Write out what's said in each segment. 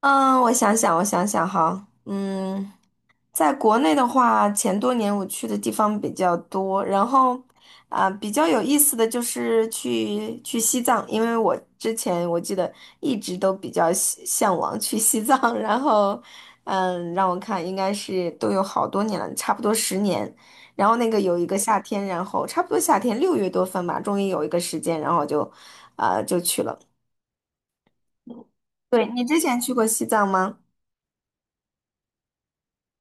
嗯，我想想，我想想哈，在国内的话，前多年我去的地方比较多，然后啊、比较有意思的就是去西藏，因为我之前我记得一直都比较向往去西藏。然后让我看应该是都有好多年了，差不多10年。然后那个有一个夏天，然后差不多夏天6月多份吧，终于有一个时间，然后就去了。对，你之前去过西藏吗？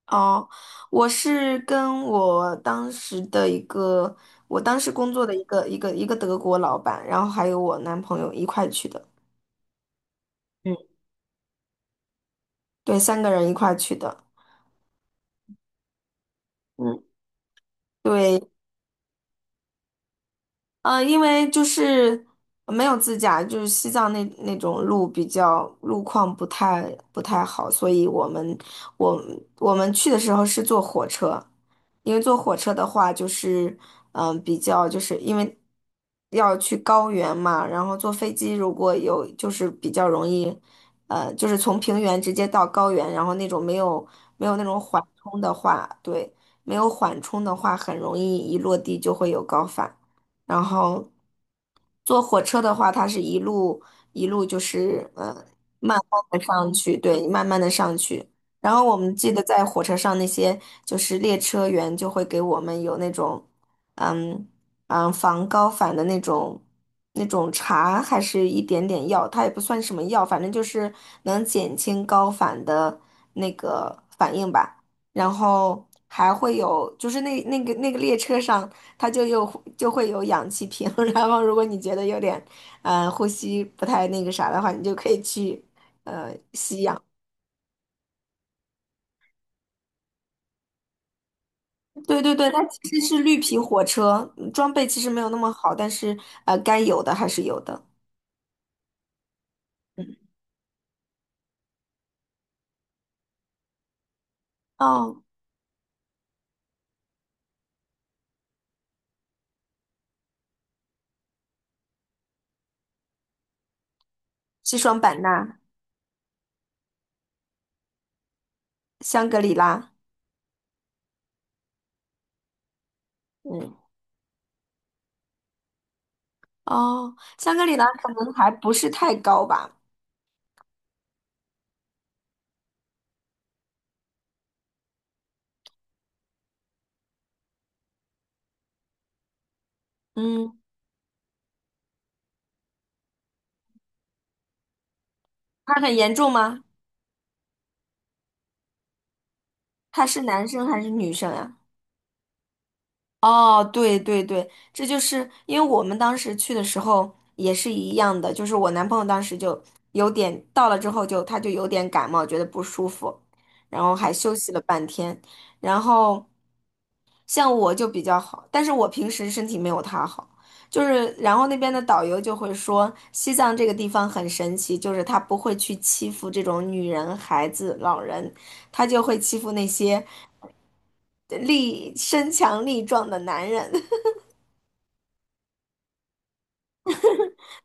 哦，我是跟我当时的一个，我当时工作的一个德国老板，然后还有我男朋友一块去的。嗯对，三个人一块去的。嗯，对。因为就是没有自驾，就是西藏那种路比较路况不太好，所以我我们去的时候是坐火车。因为坐火车的话就是比较就是因为要去高原嘛，然后坐飞机如果有就是比较容易，就是从平原直接到高原，然后那种没有那种缓冲的话，对，没有缓冲的话很容易一落地就会有高反。然后坐火车的话，它是一路一路就是慢慢的上去，对，慢慢的上去。然后我们记得在火车上那些就是列车员就会给我们有那种嗯防高反的那种茶，还是一点点药，它也不算什么药，反正就是能减轻高反的那个反应吧。然后还会有，就是那个列车上，它就会有氧气瓶。然后如果你觉得有点，呼吸不太那个啥的话，你就可以去。对对对，它其实是绿皮火车，装备其实没有那么好，但是该有的还是有的。嗯，哦，西双版纳，香格里拉。嗯，哦，香格里拉可能还不是太高吧？嗯，它很严重吗？他是男生还是女生呀？哦，对对对，这就是因为我们当时去的时候也是一样的，就是我男朋友当时就有点到了之后他就有点感冒，觉得不舒服，然后还休息了半天，然后。像我就比较好，但是我平时身体没有他好，就是然后那边的导游就会说，西藏这个地方很神奇，就是他不会去欺负这种女人、孩子、老人，他就会欺负那些身强力壮的男人。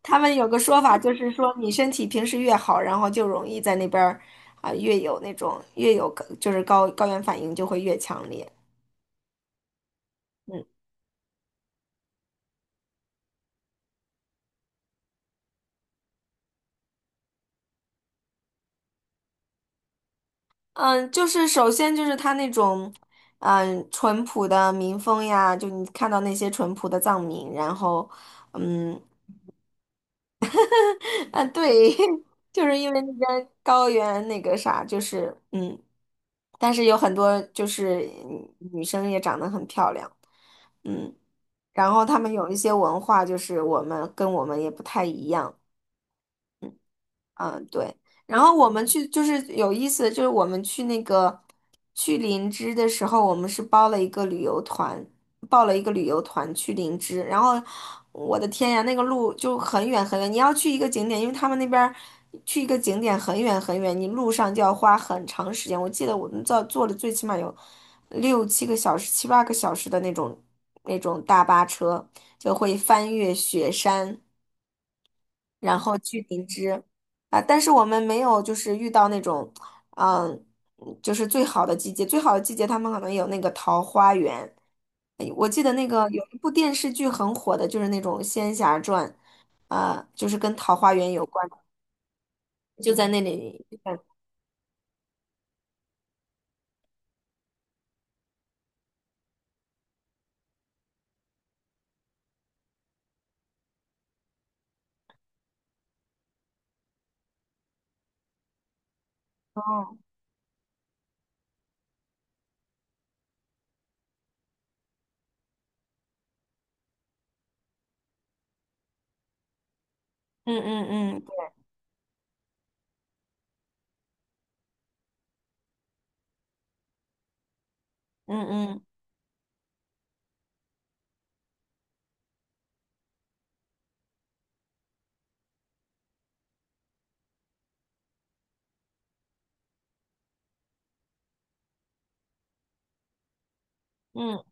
他们有个说法，就是说你身体平时越好，然后就容易在那边儿越有高原反应就会越强烈。嗯嗯，就是首先就是他那种淳朴的民风呀，就你看到那些淳朴的藏民，然后嗯。啊，对，就是因为那边高原那个啥，就是嗯，但是有很多就是女生也长得很漂亮。嗯，然后他们有一些文化，就是我们跟我们也不太一样。嗯，对。然后我们去就是有意思的，就是我们去那个去林芝的时候，我们是包了一个旅游团，报了一个旅游团去林芝。然后我的天呀，那个路就很远很远，你要去一个景点，因为他们那边儿去一个景点很远很远，你路上就要花很长时间。我记得我们坐的最起码有六七个小时、七八个小时的那种大巴车，就会翻越雪山。然后去灵芝啊，但是我们没有就是遇到那种，嗯，就是最好的季节，最好的季节他们可能有那个桃花源。哎，我记得那个有一部电视剧很火的，就是那种《仙侠传》，啊，就是跟桃花源有关，就在那里。哦，嗯嗯嗯嗯嗯嗯。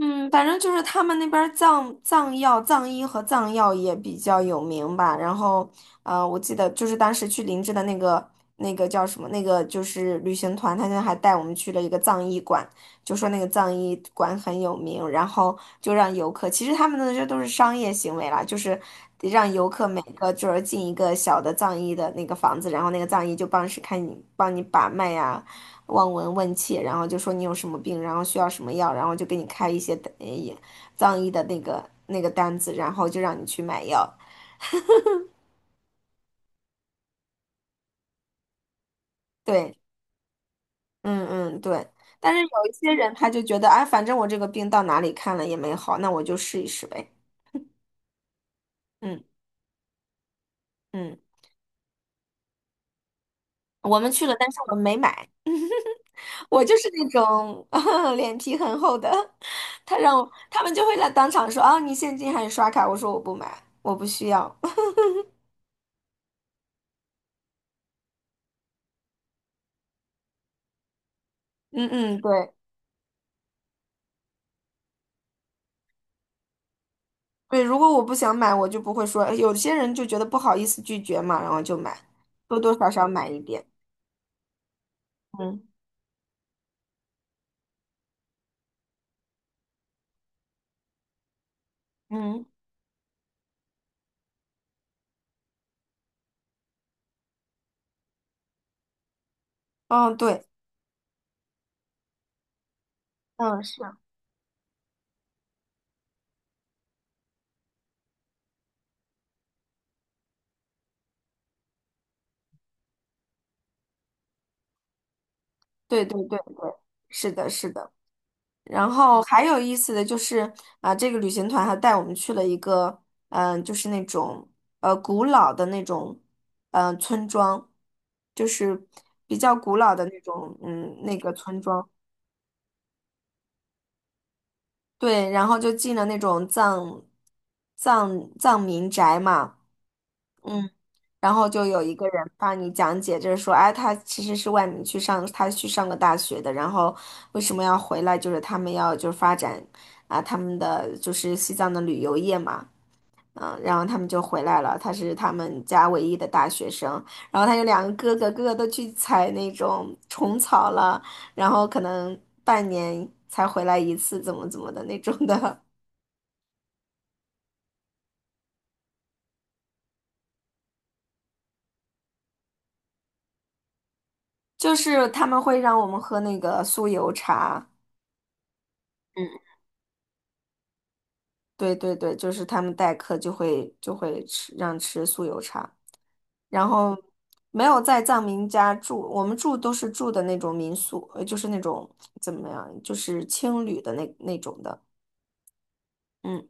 嗯，反正就是他们那边儿藏药、藏医和藏药也比较有名吧。然后，我记得就是当时去林芝的那个叫什么，那个就是旅行团，他就还带我们去了一个藏医馆，就说那个藏医馆很有名，然后就让游客，其实他们那这都是商业行为啦，就是得让游客每个就是进一个小的藏医的那个房子，然后那个藏医就帮你把脉呀、望闻问切，然后就说你有什么病，然后需要什么药，然后就给你开一些呃也藏医的那个单子，然后就让你去买药。对，嗯嗯对。但是有一些人他就觉得，哎，反正我这个病到哪里看了也没好，那我就试一试呗。嗯嗯，我们去了，但是我们没买。我就是那种 脸皮很厚的，他让我，他们就会在当场说，哦，你现金还是刷卡？我说我不买，我不需要。嗯嗯，对。对，如果我不想买，我就不会说。哎，有些人就觉得不好意思拒绝嘛，然后就买，多多少少买一点。嗯嗯嗯，对，嗯是，对对对对，是的，是的。然后还有意思的就是这个旅行团还带我们去了一个，就是那种古老的那种，村庄，就是比较古老的那种，那个村庄。对，然后就进了那种藏民宅嘛。嗯，然后就有一个人帮你讲解，就是说，哎，他其实是外面去上，他去上个大学的。然后为什么要回来？就是他们要就是发展啊，他们的就是西藏的旅游业嘛。然后他们就回来了，他是他们家唯一的大学生，然后他有两个哥哥，哥哥都去采那种虫草了，然后可能半年才回来一次，怎么怎么的那种的。就是他们会让我们喝那个酥油茶。对对对，就是他们待客就会让吃酥油茶，然后没有在藏民家住，我们住都是住的那种民宿，就是那种怎么样，就是青旅的那种的。嗯，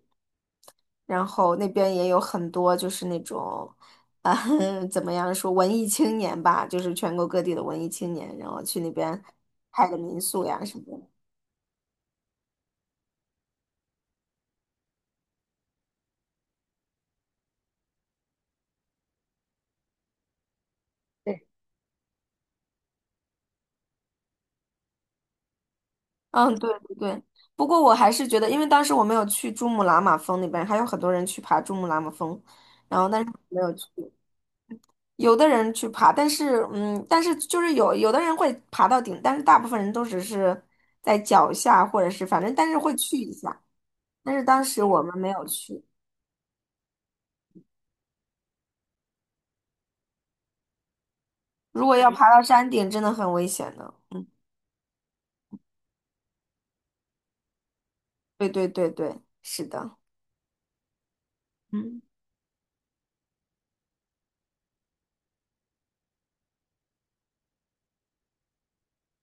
然后那边也有很多就是那种啊 怎么样说文艺青年吧，就是全国各地的文艺青年，然后去那边开个民宿呀什么的。嗯，对对对。不过我还是觉得，因为当时我没有去珠穆朗玛峰那边，还有很多人去爬珠穆朗玛峰，然后但是我没有去。有的人去爬，但是就是有的人会爬到顶，但是大部分人都只是在脚下，或者是反正但是会去一下。但是当时我们没有去。如果要爬到山顶，真的很危险的。嗯，对对对对，是的。嗯，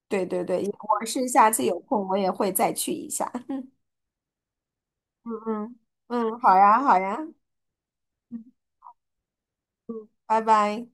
对对对，我是下次有空我也会再去一下。嗯嗯，嗯，好呀好呀。嗯，拜拜。